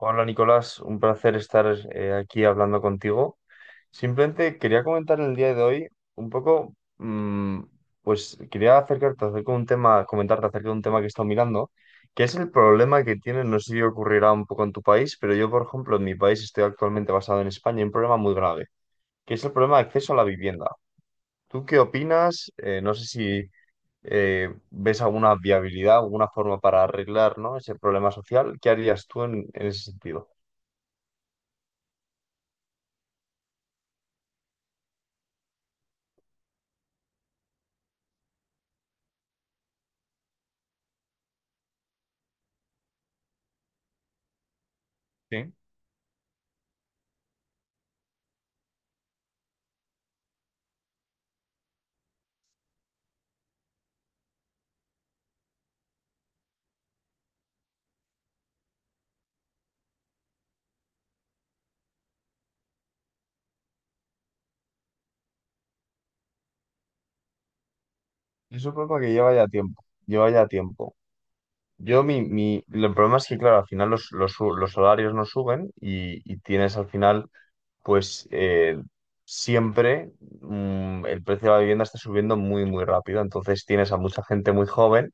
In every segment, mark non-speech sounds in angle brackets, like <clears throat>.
Hola Nicolás, un placer estar aquí hablando contigo. Simplemente quería comentar el día de hoy un poco, pues quería acercarte acerca de un tema, comentarte acerca de un tema que he estado mirando, que es el problema que tiene, no sé si ocurrirá un poco en tu país, pero yo, por ejemplo, en mi país estoy actualmente basado en España, hay un problema muy grave, que es el problema de acceso a la vivienda. ¿Tú qué opinas? No sé si ves alguna viabilidad, alguna forma para arreglar, ¿no? ese problema social. ¿Qué harías tú en ese sentido? Sí. Eso un problema que lleva ya tiempo, lleva ya tiempo. Yo, el problema es que, claro, al final su- los salarios no suben y tienes al final, pues, siempre el precio de la vivienda está subiendo muy, muy rápido. Entonces tienes a mucha gente muy joven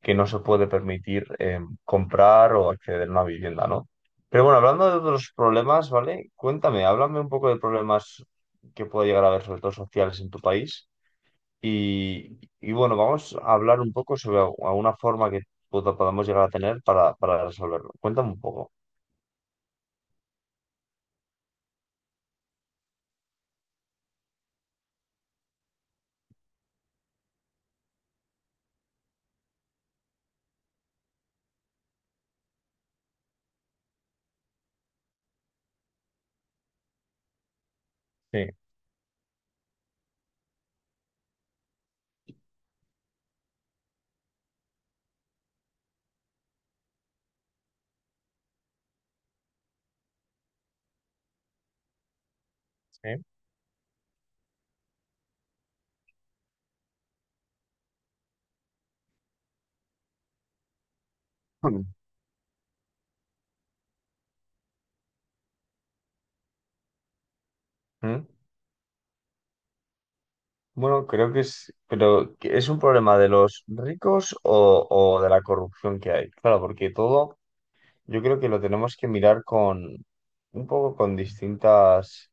que no se puede permitir comprar o acceder a una vivienda, ¿no? Pero bueno, hablando de otros problemas, ¿vale? Cuéntame, háblame un poco de problemas que puede llegar a haber, sobre todo sociales, en tu país. Y bueno, vamos a hablar un poco sobre al- alguna forma que pod- podamos llegar a tener para resolverlo. Cuéntame un poco. Sí, sí. <clears throat> Mm. ¿Mm? Bueno, creo que es, pero ¿que ¿es un problema de los ricos o de la corrupción que hay? Claro, porque todo yo creo que lo tenemos que mirar con un poco con distintas,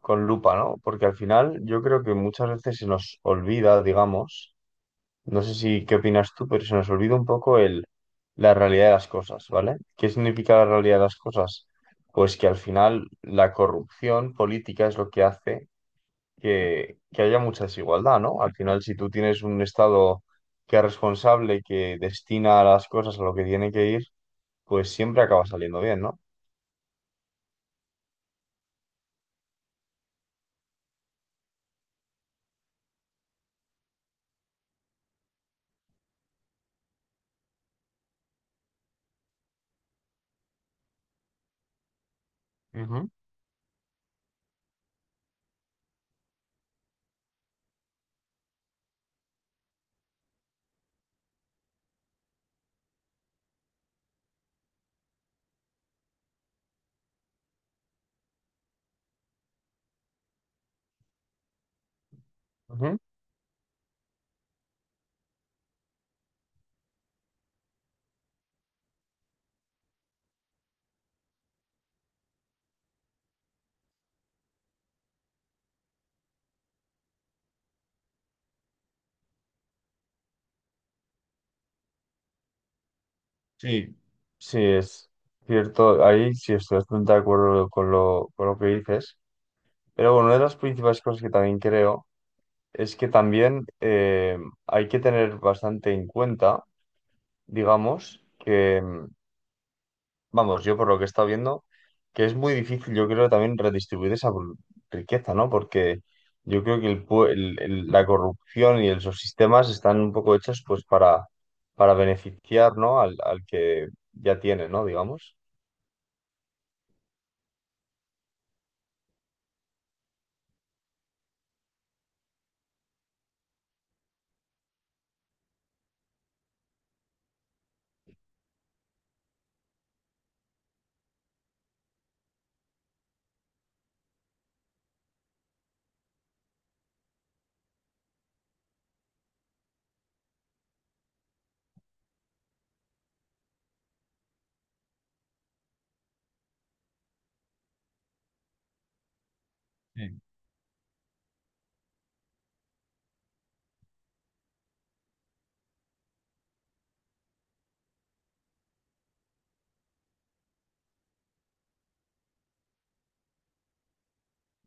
con lupa, ¿no? Porque al final yo creo que muchas veces se nos olvida, digamos. No sé si qué opinas tú, pero se nos olvida un poco el, la realidad de las cosas, ¿vale? ¿Qué significa la realidad de las cosas? Pues que al final la corrupción política es lo que hace que haya mucha desigualdad, ¿no? Al final, si tú tienes un Estado que es responsable, que destina las cosas a lo que tiene que ir, pues siempre acaba saliendo bien, ¿no? Ujú, ujú. Sí, sí, es cierto, ahí sí estoy bastante de acuerdo con lo que dices, pero bueno, una de las principales cosas que también creo es que también hay que tener bastante en cuenta, digamos, que, vamos, yo por lo que he estado viendo, que es muy difícil, yo creo, también redistribuir esa bru- riqueza, ¿no? Porque yo creo que el, pue- el- la corrupción y el- los sistemas están un poco hechos pues para beneficiar, ¿no? Al, al que ya tiene, ¿no? Digamos.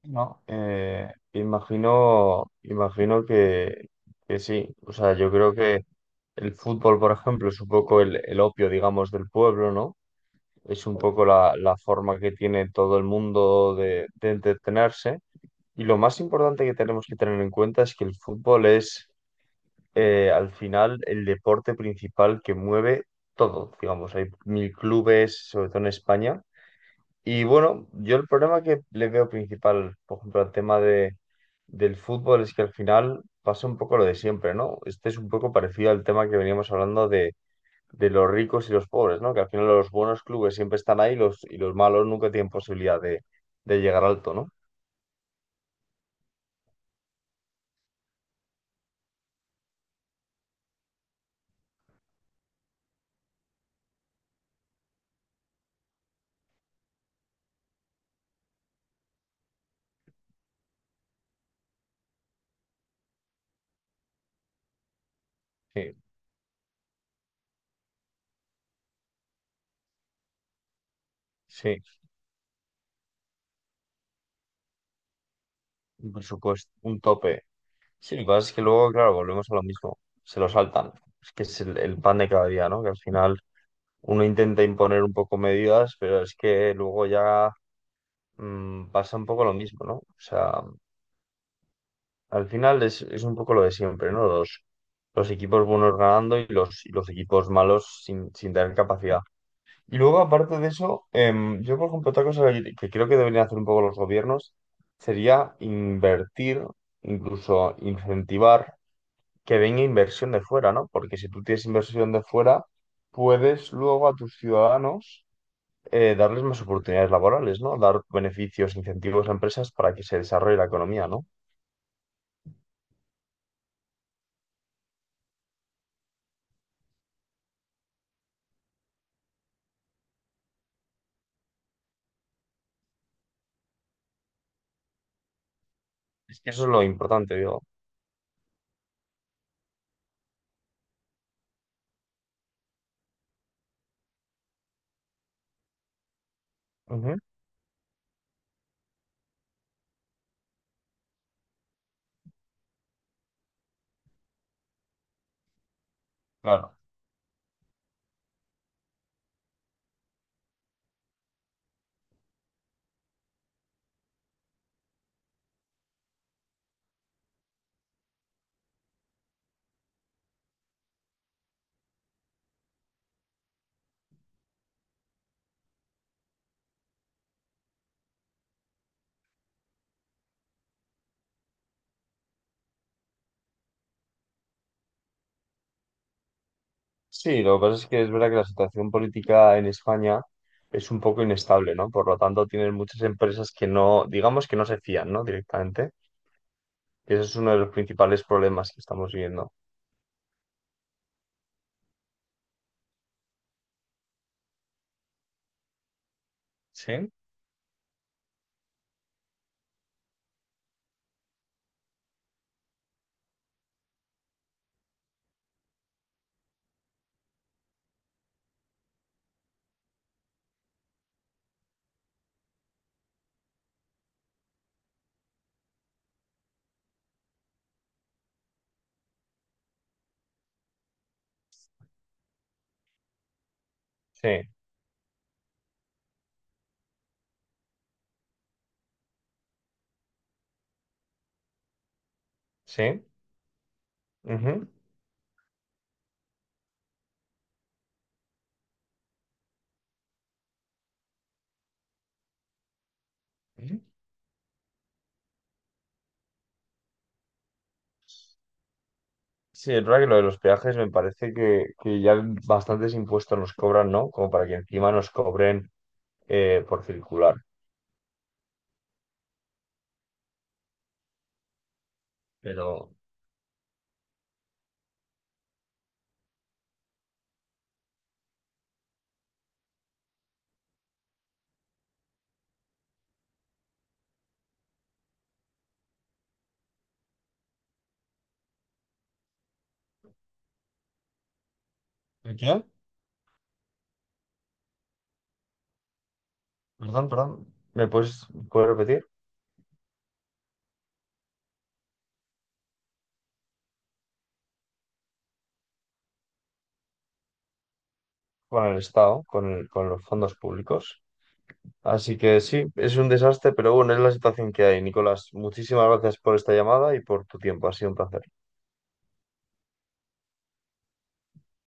No, imagino, imagino que sí. O sea, yo creo que el fútbol, por ejemplo, es un poco el opio, digamos, del pueblo, ¿no? Es un poco la, la forma que tiene todo el mundo de entretenerse. Y lo más importante que tenemos que tener en cuenta es que el fútbol es, al final, el deporte principal que mueve todo. Digamos, hay mil clubes, sobre todo en España. Y bueno, yo el problema que le veo principal, por ejemplo, al tema de, del fútbol es que al final pasa un poco lo de siempre, ¿no? Este es un poco parecido al tema que veníamos hablando de los ricos y los pobres, ¿no? Que al final los buenos clubes siempre están ahí los, y los malos nunca tienen posibilidad de llegar alto, ¿no? Sí, sí, un presupuesto, un tope. Sí, lo que pasa es que luego, claro, volvemos a lo mismo, se lo saltan. Es que es el pan de cada día, ¿no? Que al final uno intenta imponer un poco medidas, pero es que luego ya pasa un poco lo mismo, ¿no? O sea, al final es un poco lo de siempre, ¿no? Los equipos buenos ganando y los equipos malos sin, sin tener capacidad. Y luego, aparte de eso, yo, por ejemplo, otra cosa que creo que deberían hacer un poco los gobiernos sería invertir, incluso incentivar que venga inversión de fuera, ¿no? Porque si tú tienes inversión de fuera, puedes luego a tus ciudadanos darles más oportunidades laborales, ¿no? Dar beneficios, incentivos a empresas para que se desarrolle la economía, ¿no? Es que eso es lo importante, digo. Ujú, claro. Sí, lo que pasa es que es verdad que la situación política en España es un poco inestable, ¿no? Por lo tanto, tienen muchas empresas que no, digamos que no se fían, ¿no? Directamente. Y ese es uno de los principales problemas que estamos viviendo. Sí, sí, sí. Ujú. Ujú. Sí, es verdad que lo de los peajes me parece que ya bastantes impuestos nos cobran, ¿no? Como para que encima nos cobren por circular. Pero... ¿El ¿qué? Perdón, perdón. ¿Me puedes, puedes repetir? Con el Estado, con, el- con los fondos públicos. Así que sí, es un desastre, pero bueno, es la situación que hay, Nicolás. Muchísimas gracias por esta llamada y por tu tiempo. Ha sido un placer.